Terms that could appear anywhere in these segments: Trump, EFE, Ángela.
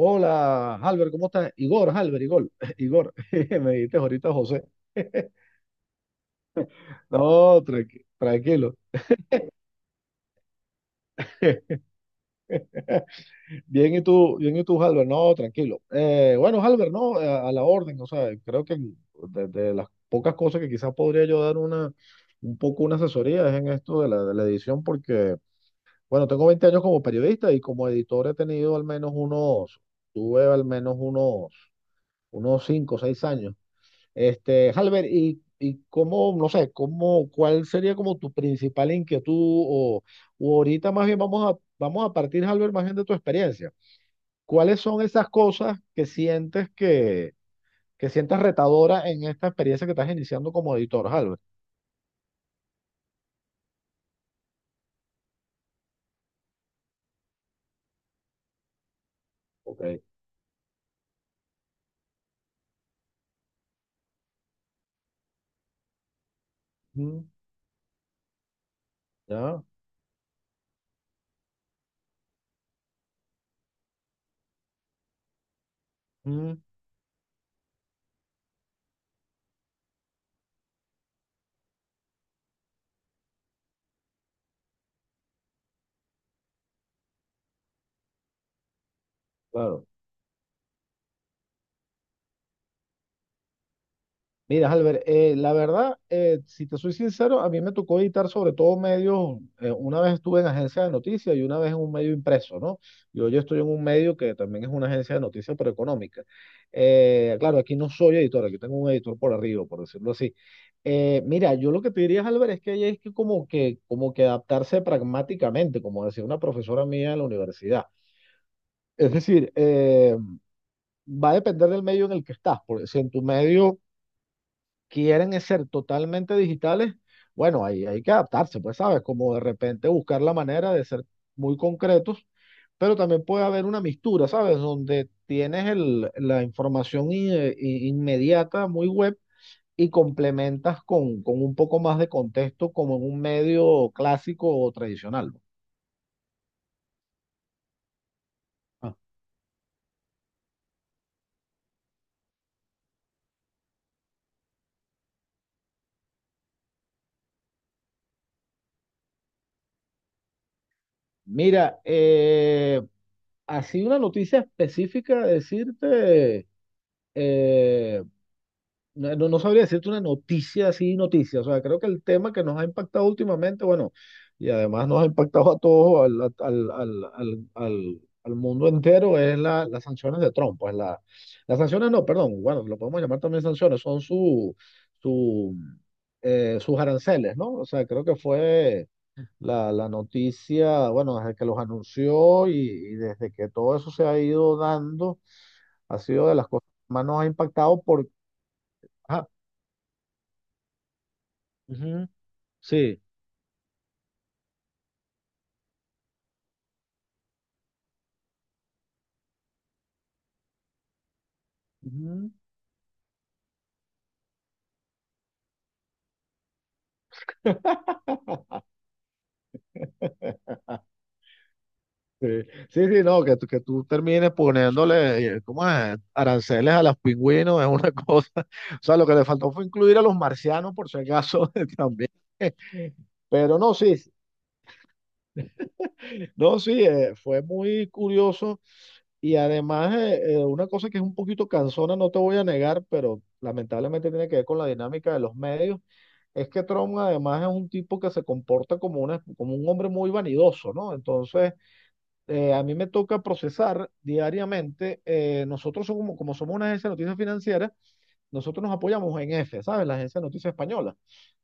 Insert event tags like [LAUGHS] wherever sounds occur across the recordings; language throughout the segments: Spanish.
Hola, Albert, ¿cómo estás? Igor, Albert, Igor, [LAUGHS] Igor, [LAUGHS] me dijiste ahorita José. [LAUGHS] No, tranquilo. Bien, y tú, Albert? No, tranquilo. Bueno, Albert, no, a la orden. O sea, creo que de las pocas cosas que quizás podría yo dar un poco una asesoría es en esto de de la edición, porque, bueno, tengo 20 años como periodista y como editor he tenido al menos unos, unos 5, o seis años. Este, Halber, y cómo, no sé, cómo, ¿cuál sería como tu principal inquietud? O o ahorita más bien vamos a partir, Halber, más bien de tu experiencia. ¿Cuáles son esas cosas que que, sientes retadora en esta experiencia que estás iniciando como editor, Halber? Ok. Mm, ya, mm, claro. Mira, Albert, la verdad, si te soy sincero, a mí me tocó editar sobre todo medios. Una vez estuve en agencia de noticias y una vez en un medio impreso, ¿no? Yo estoy en un medio que también es una agencia de noticias, pero económica. Claro, aquí no soy editor, aquí tengo un editor por arriba, por decirlo así. Mira, yo lo que te diría, Albert, es que hay es que como que, como que adaptarse pragmáticamente, como decía una profesora mía en la universidad. Es decir, va a depender del medio en el que estás, porque si en tu medio quieren ser totalmente digitales, bueno, ahí hay que adaptarse, pues, ¿sabes? Como de repente buscar la manera de ser muy concretos, pero también puede haber una mistura, ¿sabes? Donde tienes la información inmediata, muy web, y complementas con un poco más de contexto como en un medio clásico o tradicional. Ah. Mira, así una noticia específica, decirte, eh, no sabría decirte una noticia así, noticia. O sea, creo que el tema que nos ha impactado últimamente, bueno, y además nos ha impactado a todos, al mundo entero, es las sanciones de Trump. Pues las sanciones no, perdón, bueno, lo podemos llamar también sanciones, son su, sus aranceles, ¿no? O sea, creo que fue la noticia, bueno, desde que los anunció y desde que todo eso se ha ido dando, ha sido de las cosas que más nos ha impactado por… Ajá, ujú. Sí. Ujú. Sí, sí, sí, no, que tú termines poniéndole, ¿cómo es? Aranceles a los pingüinos es una cosa. [LAUGHS] O sea, lo que le faltó fue incluir a los marcianos, por si acaso, [LAUGHS] también. Pero no, sí, no, sí, fue muy curioso. Y además, una cosa que es un poquito cansona, no te voy a negar, pero lamentablemente tiene que ver con la dinámica de los medios, es que Trump además es un tipo que se comporta como, como un hombre muy vanidoso, ¿no? Entonces a mí me toca procesar diariamente. Nosotros somos, como, como somos una agencia de noticias financieras, nosotros nos apoyamos en EFE, ¿sabes? La agencia de noticias española.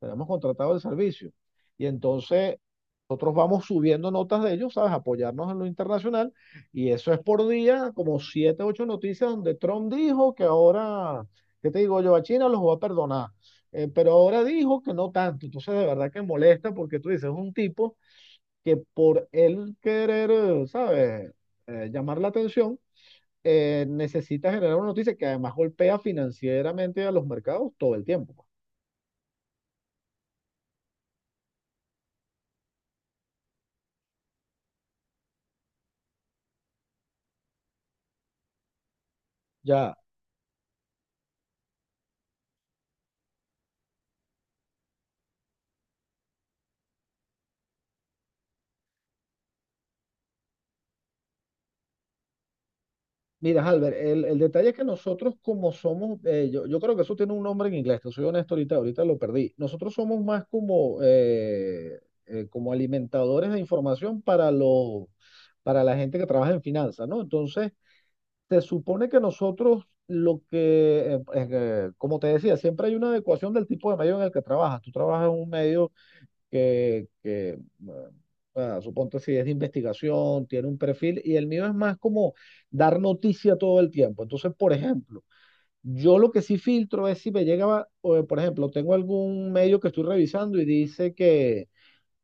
Tenemos contratado el servicio. Y entonces nosotros vamos subiendo notas de ellos, ¿sabes? Apoyarnos en lo internacional. Y eso es por día, como siete, ocho noticias donde Trump dijo que ahora, ¿qué te digo yo? A China los va a perdonar. Pero ahora dijo que no tanto. Entonces, de verdad que molesta porque tú dices, es un tipo que por él querer, ¿sabes?, llamar la atención, necesita generar una noticia que además golpea financieramente a los mercados todo el tiempo, pues. Ya, mira, Albert, el detalle es que nosotros como somos, yo creo que eso tiene un nombre en inglés, te soy honesto, ahorita lo perdí. Nosotros somos más como, como alimentadores de información para para la gente que trabaja en finanzas, ¿no? Entonces, se supone que nosotros lo que, como te decía, siempre hay una adecuación del tipo de medio en el que trabajas. Tú trabajas en un medio que, que, eh, suponte si es de investigación, tiene un perfil, y el mío es más como dar noticia todo el tiempo. Entonces, por ejemplo, yo lo que sí filtro es si me llega, por ejemplo, tengo algún medio que estoy revisando y dice que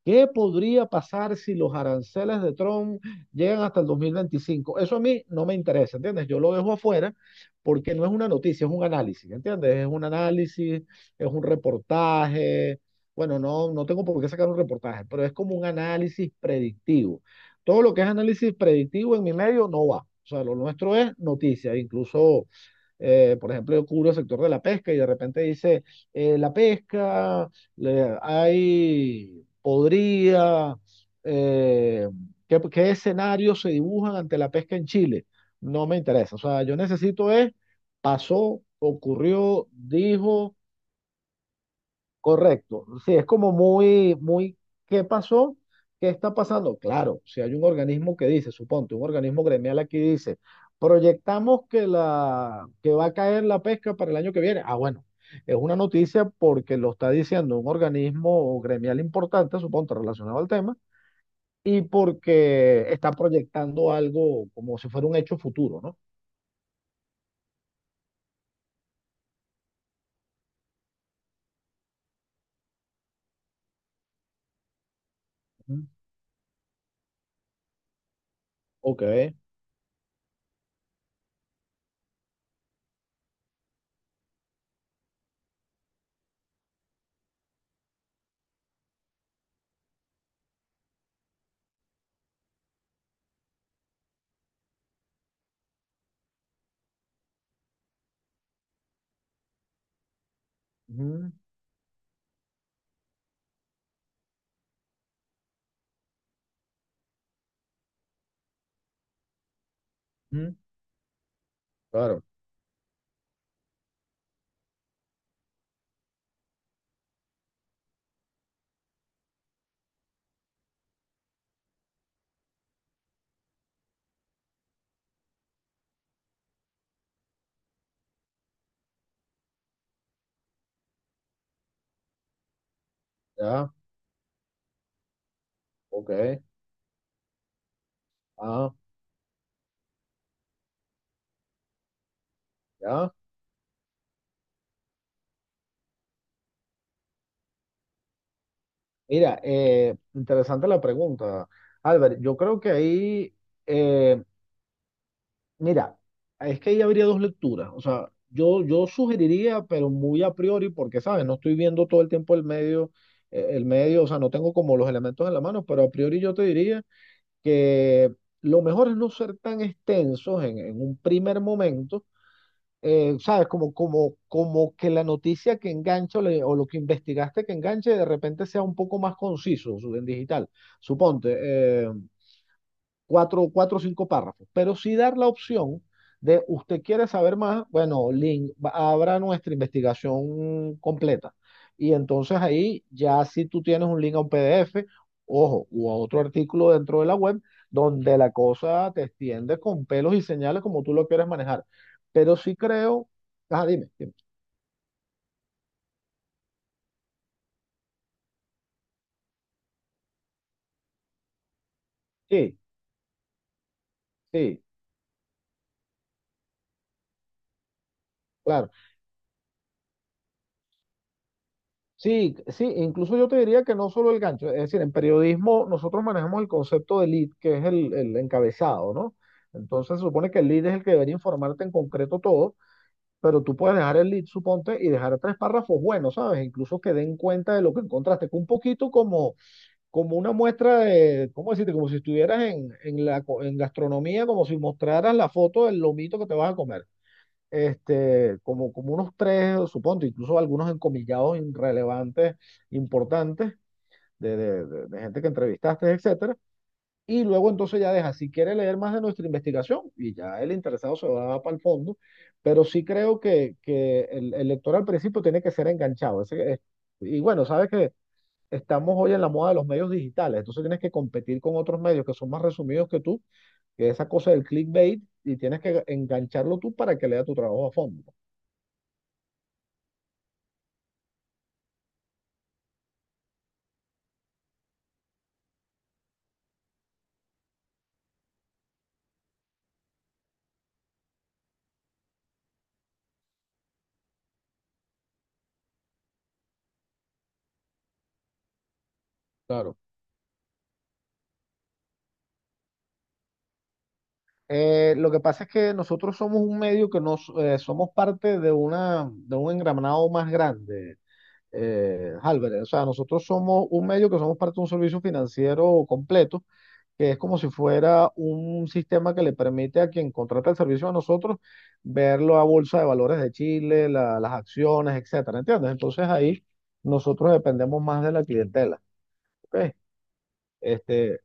¿qué podría pasar si los aranceles de Trump llegan hasta el 2025? Eso a mí no me interesa, ¿entiendes? Yo lo dejo afuera porque no es una noticia, es un análisis, ¿entiendes? Es un análisis, es un reportaje. Bueno, no, no tengo por qué sacar un reportaje, pero es como un análisis predictivo. Todo lo que es análisis predictivo en mi medio no va. O sea, lo nuestro es noticia, incluso por ejemplo, yo cubro el sector de la pesca y de repente dice, la pesca, le- hay, podría, eh, ¿qué, qué escenarios se dibujan ante la pesca en Chile? No me interesa, o sea, yo necesito es, pasó, ocurrió, dijo. Correcto. Sí, es como muy, muy, ¿qué pasó? ¿Qué está pasando? Claro, si hay un organismo que dice, suponte, un organismo gremial aquí dice, proyectamos que que va a caer la pesca para el año que viene. Ah, bueno, es una noticia porque lo está diciendo un organismo gremial importante, suponte, relacionado al tema, y porque está proyectando algo como si fuera un hecho futuro, ¿no? Ujú. Ok. Ujú. Ujú. Claro, ya, ok. Ah, ya. Mira, interesante la pregunta, Albert. Yo creo que ahí, eh, mira, es que ahí habría dos lecturas. O sea, yo sugeriría, pero muy a priori, porque, ¿sabes? No estoy viendo todo el tiempo el medio, o sea, no tengo como los elementos en la mano, pero a priori yo te diría que lo mejor es no ser tan extensos en un primer momento, ¿sabes? Como que la noticia que engancho o lo que investigaste que enganche de repente sea un poco más conciso en digital. Suponte, eh, cuatro o cinco párrafos, pero sí dar la opción de usted quiere saber más, bueno, link, abra nuestra investigación completa. Y entonces ahí ya si tú tienes un link a un PDF, ojo, u a otro artículo dentro de la web, donde la cosa te extiende con pelos y señales como tú lo quieres manejar. Pero sí creo, ajá, dime, dime. Sí, sí, claro. Sí, sí, incluso yo te diría que no solo el gancho, es decir, en periodismo nosotros manejamos el concepto de lead, que es el encabezado, ¿no? Entonces se supone que el lead es el que debería informarte en concreto todo, pero tú puedes dejar el lead, suponte, y dejar tres párrafos buenos, ¿sabes? Incluso que den cuenta de lo que encontraste, que un poquito como, como una muestra de, ¿cómo decirte? Como si estuvieras en gastronomía, como si mostraras la foto del lomito que te vas a comer. Este, como, como unos tres, supongo, incluso algunos encomillados irrelevantes, importantes, de gente que entrevistaste, etcétera. Y luego entonces ya deja, si quiere leer más de nuestra investigación, y ya el interesado se va para el fondo, pero sí creo que el lector al principio tiene que ser enganchado. Ese es… y bueno, sabes que estamos hoy en la moda de los medios digitales, entonces tienes que competir con otros medios que son más resumidos que tú, que esa cosa del clickbait, y tienes que engancharlo tú para que lea tu trabajo a fondo. Claro. Lo que pasa es que nosotros somos un medio que nos somos parte de una de un engranado más grande, Álvarez. O sea, nosotros somos un medio que somos parte de un servicio financiero completo, que es como si fuera un sistema que le permite a quien contrata el servicio a nosotros ver la bolsa de valores de Chile, las acciones, etcétera, ¿entiendes? Entonces ahí nosotros dependemos más de la clientela, ¿ok? Este,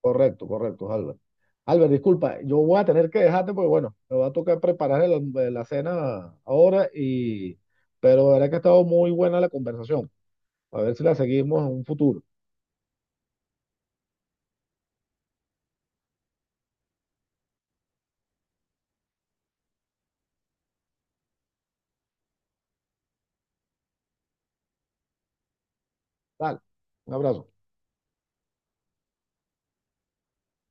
correcto, correcto, Albert. Albert, disculpa, yo voy a tener que dejarte porque, bueno, me va a tocar preparar la cena ahora, y pero la verdad que ha estado muy buena la conversación. A ver si la seguimos en un futuro. Dale, un abrazo.